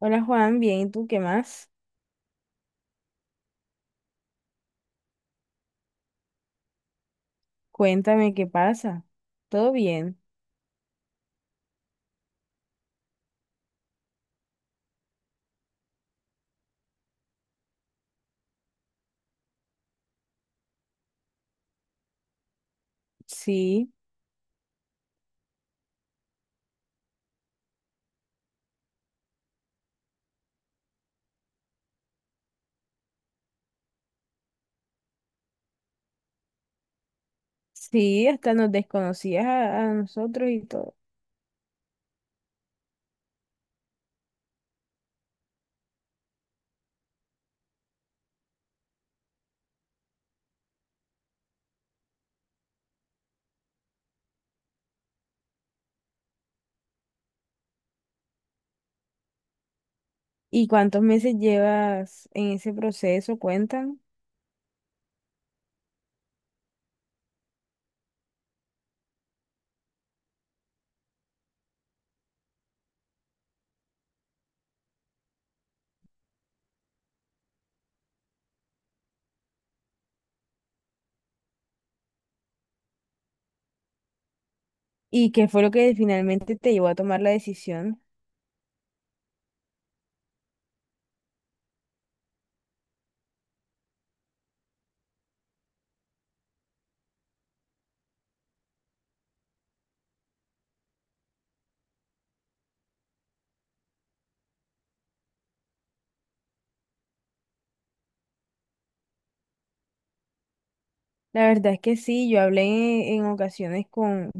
Hola Juan, bien, ¿y tú qué más? Cuéntame qué pasa. ¿Todo bien? Sí, sí, hasta nos desconocías a nosotros y todo. ¿Y cuántos meses llevas en ese proceso? Cuentan. ¿Y qué fue lo que finalmente te llevó a tomar la decisión? La verdad es que sí, yo hablé en ocasiones con,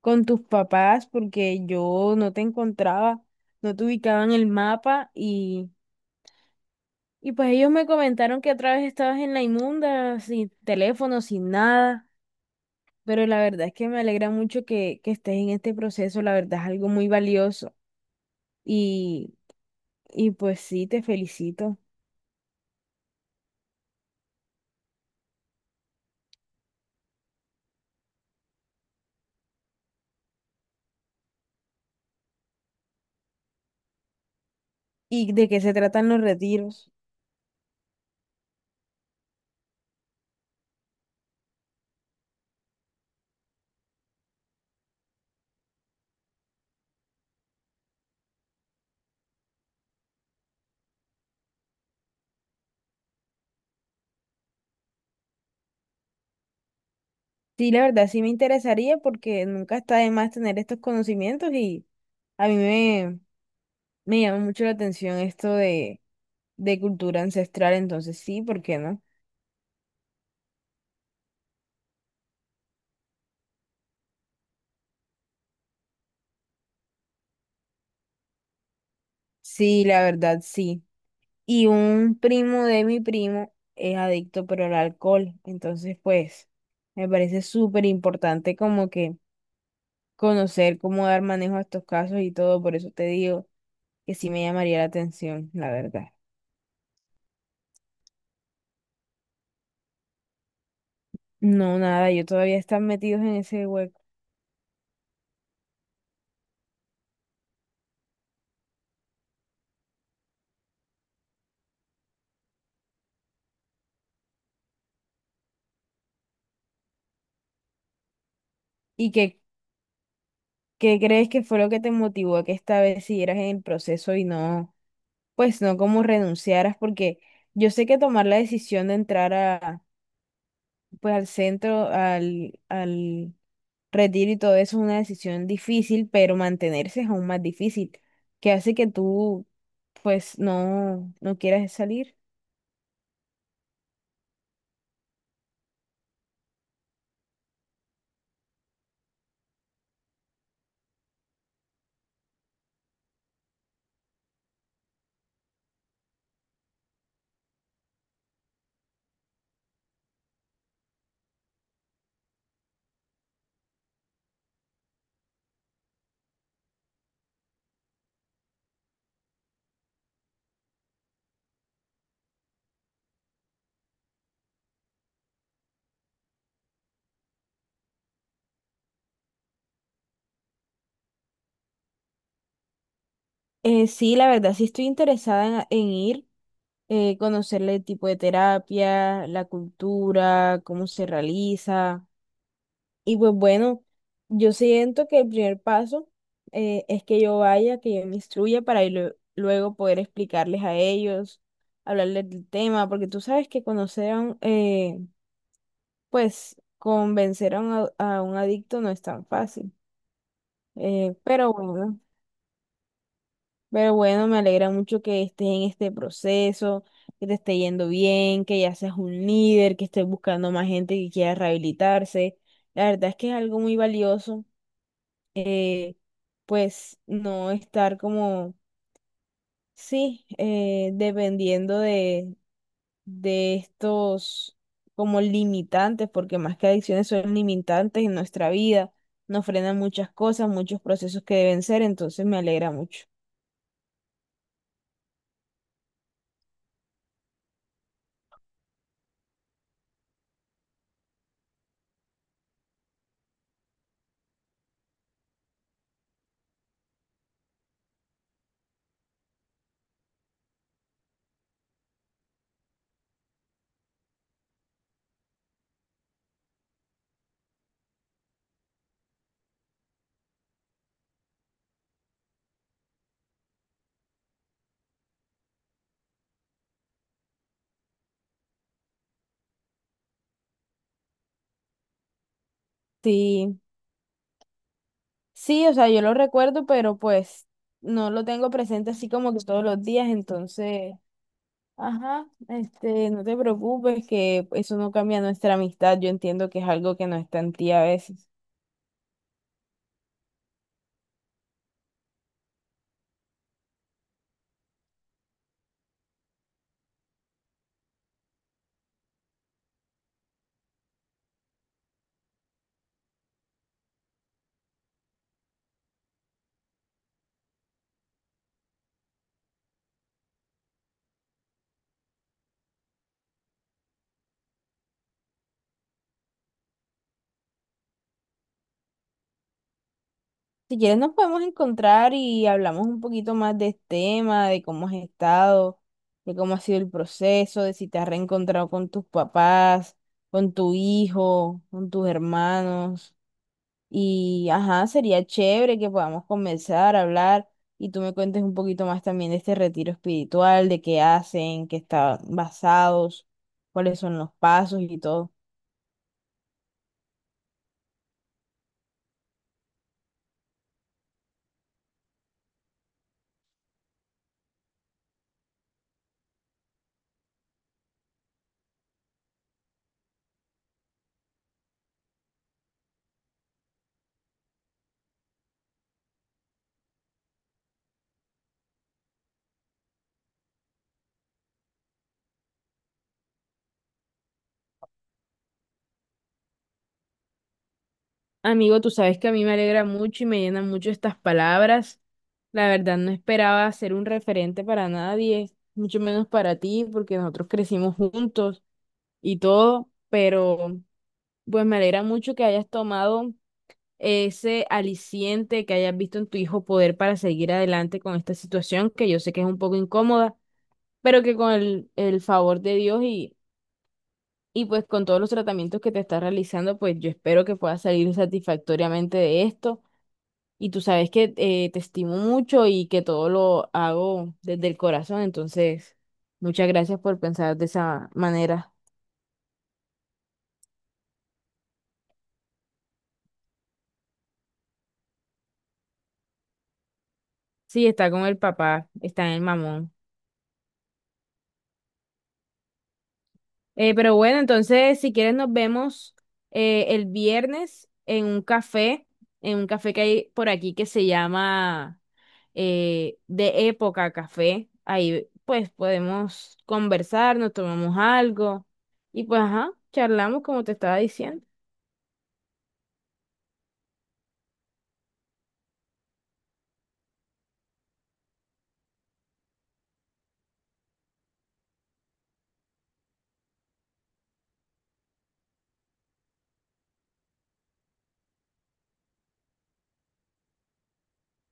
con tus papás porque yo no te encontraba, no te ubicaba en el mapa. Y pues ellos me comentaron que otra vez estabas en la inmunda, sin teléfono, sin nada, pero la verdad es que me alegra mucho que estés en este proceso, la verdad es algo muy valioso y, y pues sí, te felicito. ¿Y de qué se tratan los retiros? Sí, la verdad sí me interesaría porque nunca está de más tener estos conocimientos y a me llama mucho la atención esto de cultura ancestral, entonces sí, ¿por qué no? Sí, la verdad sí. Y un primo de mi primo es adicto pero al alcohol. Entonces, pues, me parece súper importante como que conocer cómo dar manejo a estos casos y todo. Por eso te digo que sí me llamaría la atención, la verdad. No, nada, yo todavía están metidos en ese hueco. ¿Y qué crees que fue lo que te motivó a que esta vez siguieras en el proceso y no, pues no como renunciaras? Porque yo sé que tomar la decisión de entrar a pues al centro, al retiro y todo eso es una decisión difícil, pero mantenerse es aún más difícil, que hace que tú pues no quieras salir. Sí, la verdad, sí estoy interesada en ir, conocerle el tipo de terapia, la cultura, cómo se realiza. Y pues bueno, yo siento que el primer paso es que yo vaya, que yo me instruya para ir luego poder explicarles a ellos, hablarles del tema, porque tú sabes que conocer a un, pues convencer a un, a un adicto no es tan fácil. Eh, pero bueno, pero bueno, me alegra mucho que estés en este proceso, que te esté yendo bien, que ya seas un líder, que estés buscando más gente que quiera rehabilitarse. La verdad es que es algo muy valioso pues no estar como, sí, dependiendo de estos como limitantes, porque más que adicciones son limitantes en nuestra vida, nos frenan muchas cosas, muchos procesos que deben ser, entonces me alegra mucho. Sí, sí, o sea, yo lo recuerdo, pero pues no lo tengo presente así como que todos los días, entonces, ajá, este, no te preocupes que eso no cambia nuestra amistad, yo entiendo que es algo que no está en ti a veces. Si quieres nos podemos encontrar y hablamos un poquito más de este tema, de cómo has estado, de cómo ha sido el proceso, de si te has reencontrado con tus papás, con tu hijo, con tus hermanos. Y ajá, sería chévere que podamos comenzar a hablar y tú me cuentes un poquito más también de este retiro espiritual, de qué hacen, qué están basados, cuáles son los pasos y todo. Amigo, tú sabes que a mí me alegra mucho y me llenan mucho estas palabras. La verdad, no esperaba ser un referente para nadie, mucho menos para ti, porque nosotros crecimos juntos y todo, pero pues me alegra mucho que hayas tomado ese aliciente que hayas visto en tu hijo poder para seguir adelante con esta situación, que yo sé que es un poco incómoda, pero que con el favor de Dios y pues con todos los tratamientos que te estás realizando, pues yo espero que puedas salir satisfactoriamente de esto. Y tú sabes que te estimo mucho y que todo lo hago desde el corazón, entonces muchas gracias por pensar de esa manera. Sí, está con el papá, está en el mamón. Pero bueno, entonces si quieres nos vemos el viernes en un café que hay por aquí que se llama De Época Café. Ahí pues podemos conversar, nos tomamos algo y pues ajá, charlamos como te estaba diciendo.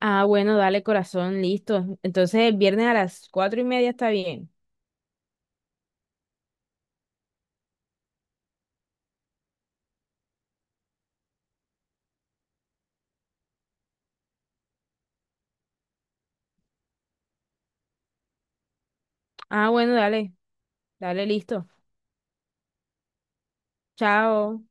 Ah, bueno, dale, corazón, listo. Entonces el viernes a las 4:30 está bien. Ah, bueno, dale, dale, listo. Chao.